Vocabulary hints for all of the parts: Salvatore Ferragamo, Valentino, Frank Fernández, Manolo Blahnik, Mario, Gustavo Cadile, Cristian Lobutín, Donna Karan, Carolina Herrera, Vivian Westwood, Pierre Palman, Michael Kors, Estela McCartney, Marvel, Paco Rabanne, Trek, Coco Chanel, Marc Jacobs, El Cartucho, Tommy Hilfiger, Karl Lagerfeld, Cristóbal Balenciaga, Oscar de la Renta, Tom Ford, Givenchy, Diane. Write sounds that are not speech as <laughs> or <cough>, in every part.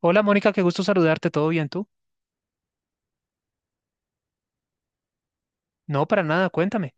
Hola Mónica, qué gusto saludarte, ¿todo bien tú? No, para nada, cuéntame.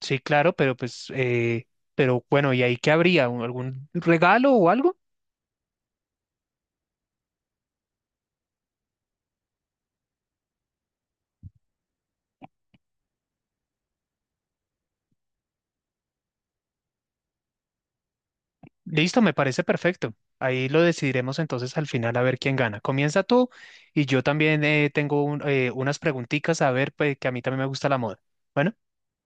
Sí, claro, pero pues, pero bueno, ¿y ahí qué habría? ¿Algún regalo o algo? Listo, me parece perfecto. Ahí lo decidiremos entonces al final a ver quién gana. Comienza tú y yo también tengo unas preguntitas a ver, pues, que a mí también me gusta la moda. Bueno,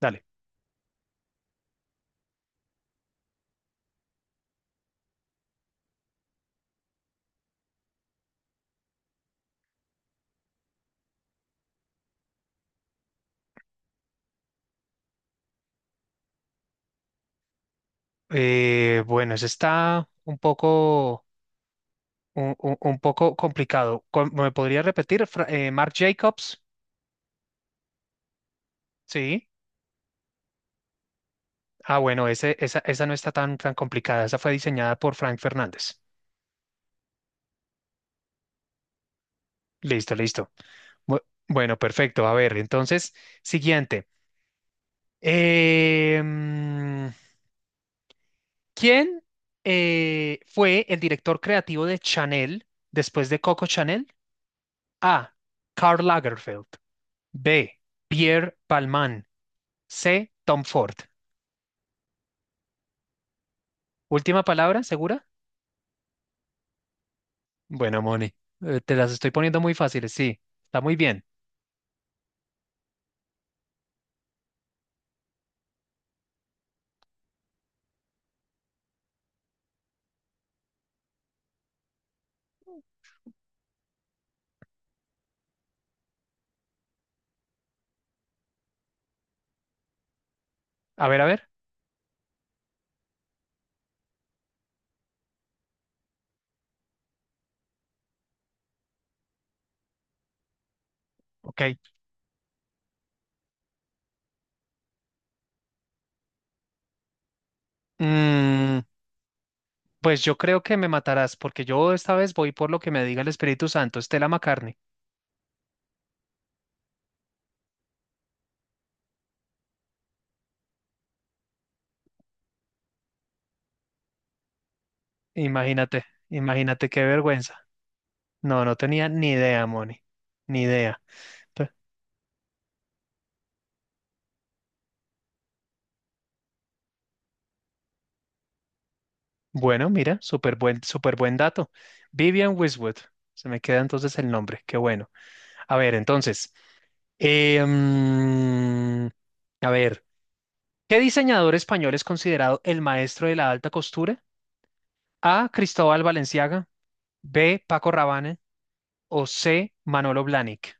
dale. Bueno, eso está un poco, un poco complicado. ¿Me podría repetir? Marc Jacobs, sí. Ah, bueno, esa no está tan, tan complicada. Esa fue diseñada por Frank Fernández. Listo, listo. Bu- Bueno, perfecto. A ver, entonces, siguiente. Eh, mm, ¿Quién fue el director creativo de Chanel después de Coco Chanel? A. Karl Lagerfeld. B. Pierre Palman. C. Tom Ford. Última palabra, ¿segura? Bueno, Moni, te las estoy poniendo muy fáciles, sí. Está muy bien. A ver, a ver. Ok. Mm, pues yo creo que me matarás, porque yo esta vez voy por lo que me diga el Espíritu Santo, Estela McCartney. Imagínate, imagínate qué vergüenza. No, no tenía ni idea, Moni. Ni idea. Bueno, mira, súper buen dato. Vivian Westwood, se me queda entonces el nombre, qué bueno. A ver, entonces, eh, mm, a ver, ¿qué diseñador español es considerado el maestro de la alta costura? A. Cristóbal Valenciaga, B. Paco Rabanne o C. Manolo Blahnik.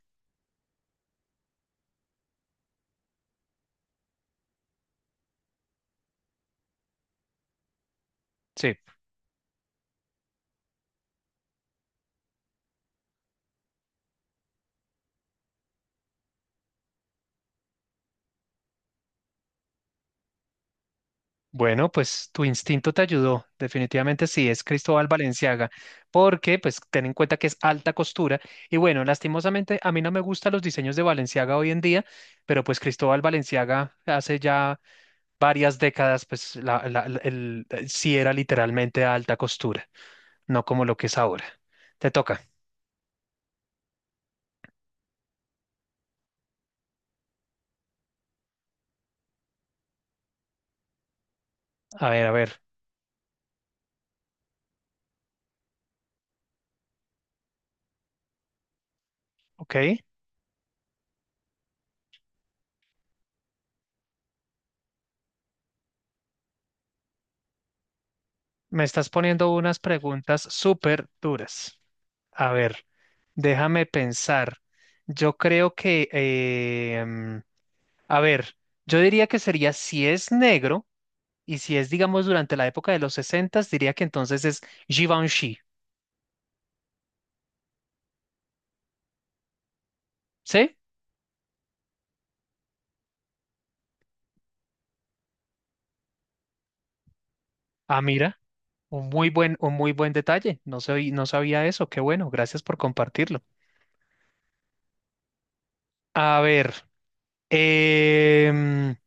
Sí, bueno, pues tu instinto te ayudó, definitivamente sí, es Cristóbal Balenciaga, porque pues ten en cuenta que es alta costura y bueno, lastimosamente a mí no me gustan los diseños de Balenciaga hoy en día, pero pues Cristóbal Balenciaga hace ya varias décadas pues sí era literalmente alta costura, no como lo que es ahora. Te toca, a ver, ok, me estás poniendo unas preguntas súper duras. A ver. Déjame pensar. Yo creo que, a ver, yo diría que sería si es negro y si es, digamos, durante la época de los 60, diría que entonces es Givenchy. ¿Sí? Ah, mira, un muy buen detalle. No soy, no sabía eso. Qué bueno, gracias por compartirlo. A ver, em,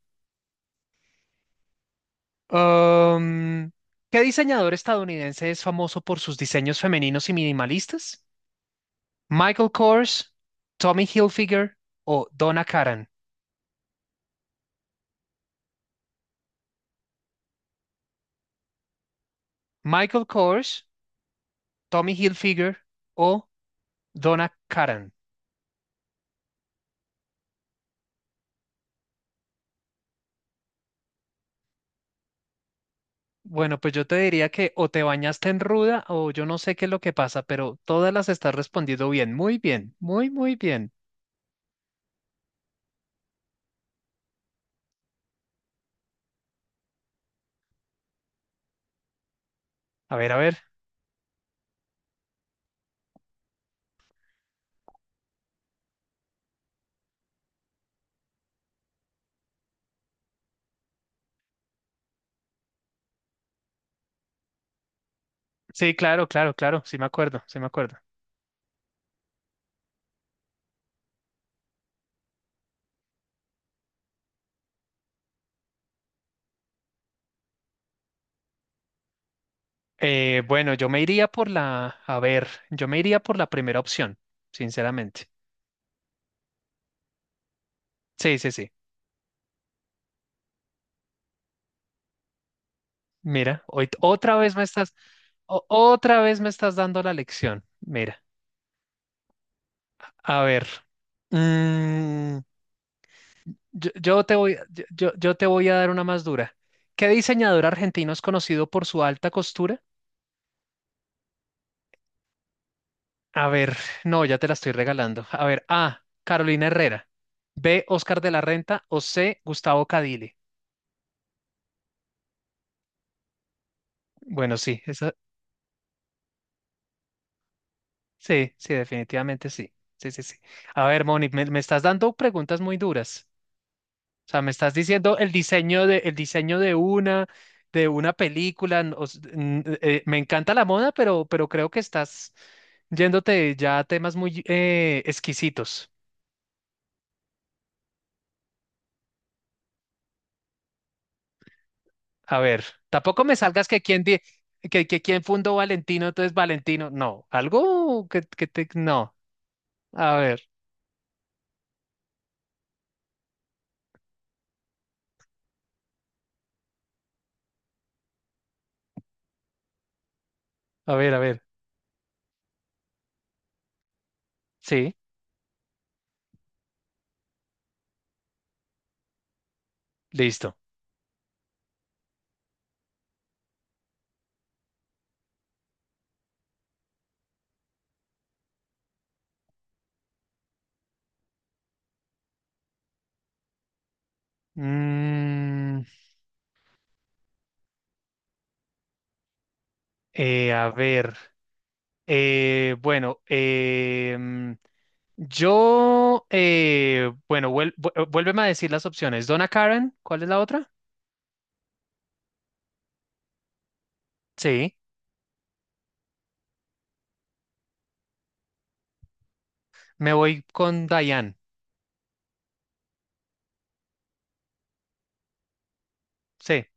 um, ¿qué diseñador estadounidense es famoso por sus diseños femeninos y minimalistas? Michael Kors, Tommy Hilfiger o Donna Karan. Michael Kors, Tommy Hilfiger o Donna Karan. Bueno, pues yo te diría que o te bañaste en ruda o yo no sé qué es lo que pasa, pero todas las estás respondiendo bien, muy, muy bien. A ver, a ver. Sí, claro, claro, claro, sí me acuerdo, sí me acuerdo. Bueno, yo me iría por la, a ver, yo me iría por la primera opción, sinceramente. Sí, sí, sí. Mira, otra vez me estás, otra vez me estás dando la lección. Mira, a ver, mm, yo te voy a dar una más dura. ¿Qué diseñador argentino es conocido por su alta costura? A ver, no, ya te la estoy regalando. A ver, A, Carolina Herrera, B, Oscar de la Renta o C, Gustavo Cadile. Bueno, sí, esa, sí, sí, definitivamente sí. Sí, sí, sí. A ver, Moni, me estás dando preguntas muy duras. O sea, me estás diciendo el diseño de una película. Me encanta la moda, pero creo que estás yéndote ya a temas muy exquisitos. A ver, tampoco me salgas que que quién fundó Valentino, entonces Valentino. No, algo que te, no. A ver, a ver, a ver. Sí, listo. Mm, a ver. Bueno, yo, bueno, vuélveme a decir las opciones. Donna Karen, ¿cuál es la otra? Sí. Me voy con Diane. Sí.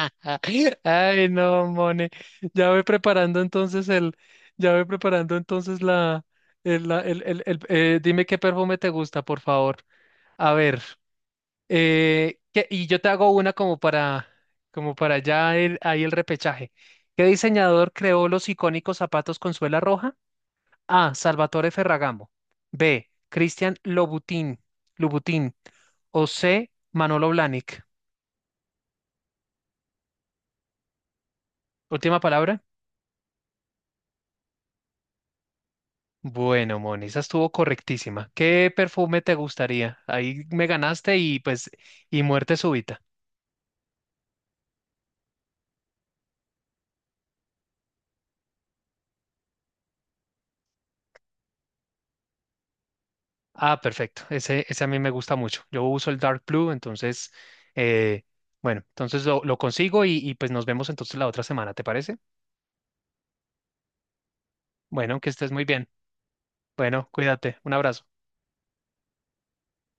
<laughs> Ay, no, Mone. Ya voy preparando entonces el, ya voy preparando entonces la, dime qué perfume te gusta, por favor. A ver, ¿qué- y yo te hago una como para, como para ya el, ahí el repechaje. ¿Qué diseñador creó los icónicos zapatos con suela roja? A. Salvatore Ferragamo. B. Cristian Lobutín. Lobutín. O C. Manolo Blahnik. Última palabra. Bueno, Moni, esa estuvo correctísima. ¿Qué perfume te gustaría? Ahí me ganaste y pues, y muerte súbita. Ah, perfecto. Ese a mí me gusta mucho. Yo uso el Dark Blue, entonces, eh, bueno, entonces lo consigo y pues nos vemos entonces la otra semana, ¿te parece? Bueno, que estés muy bien. Bueno, cuídate. Un abrazo.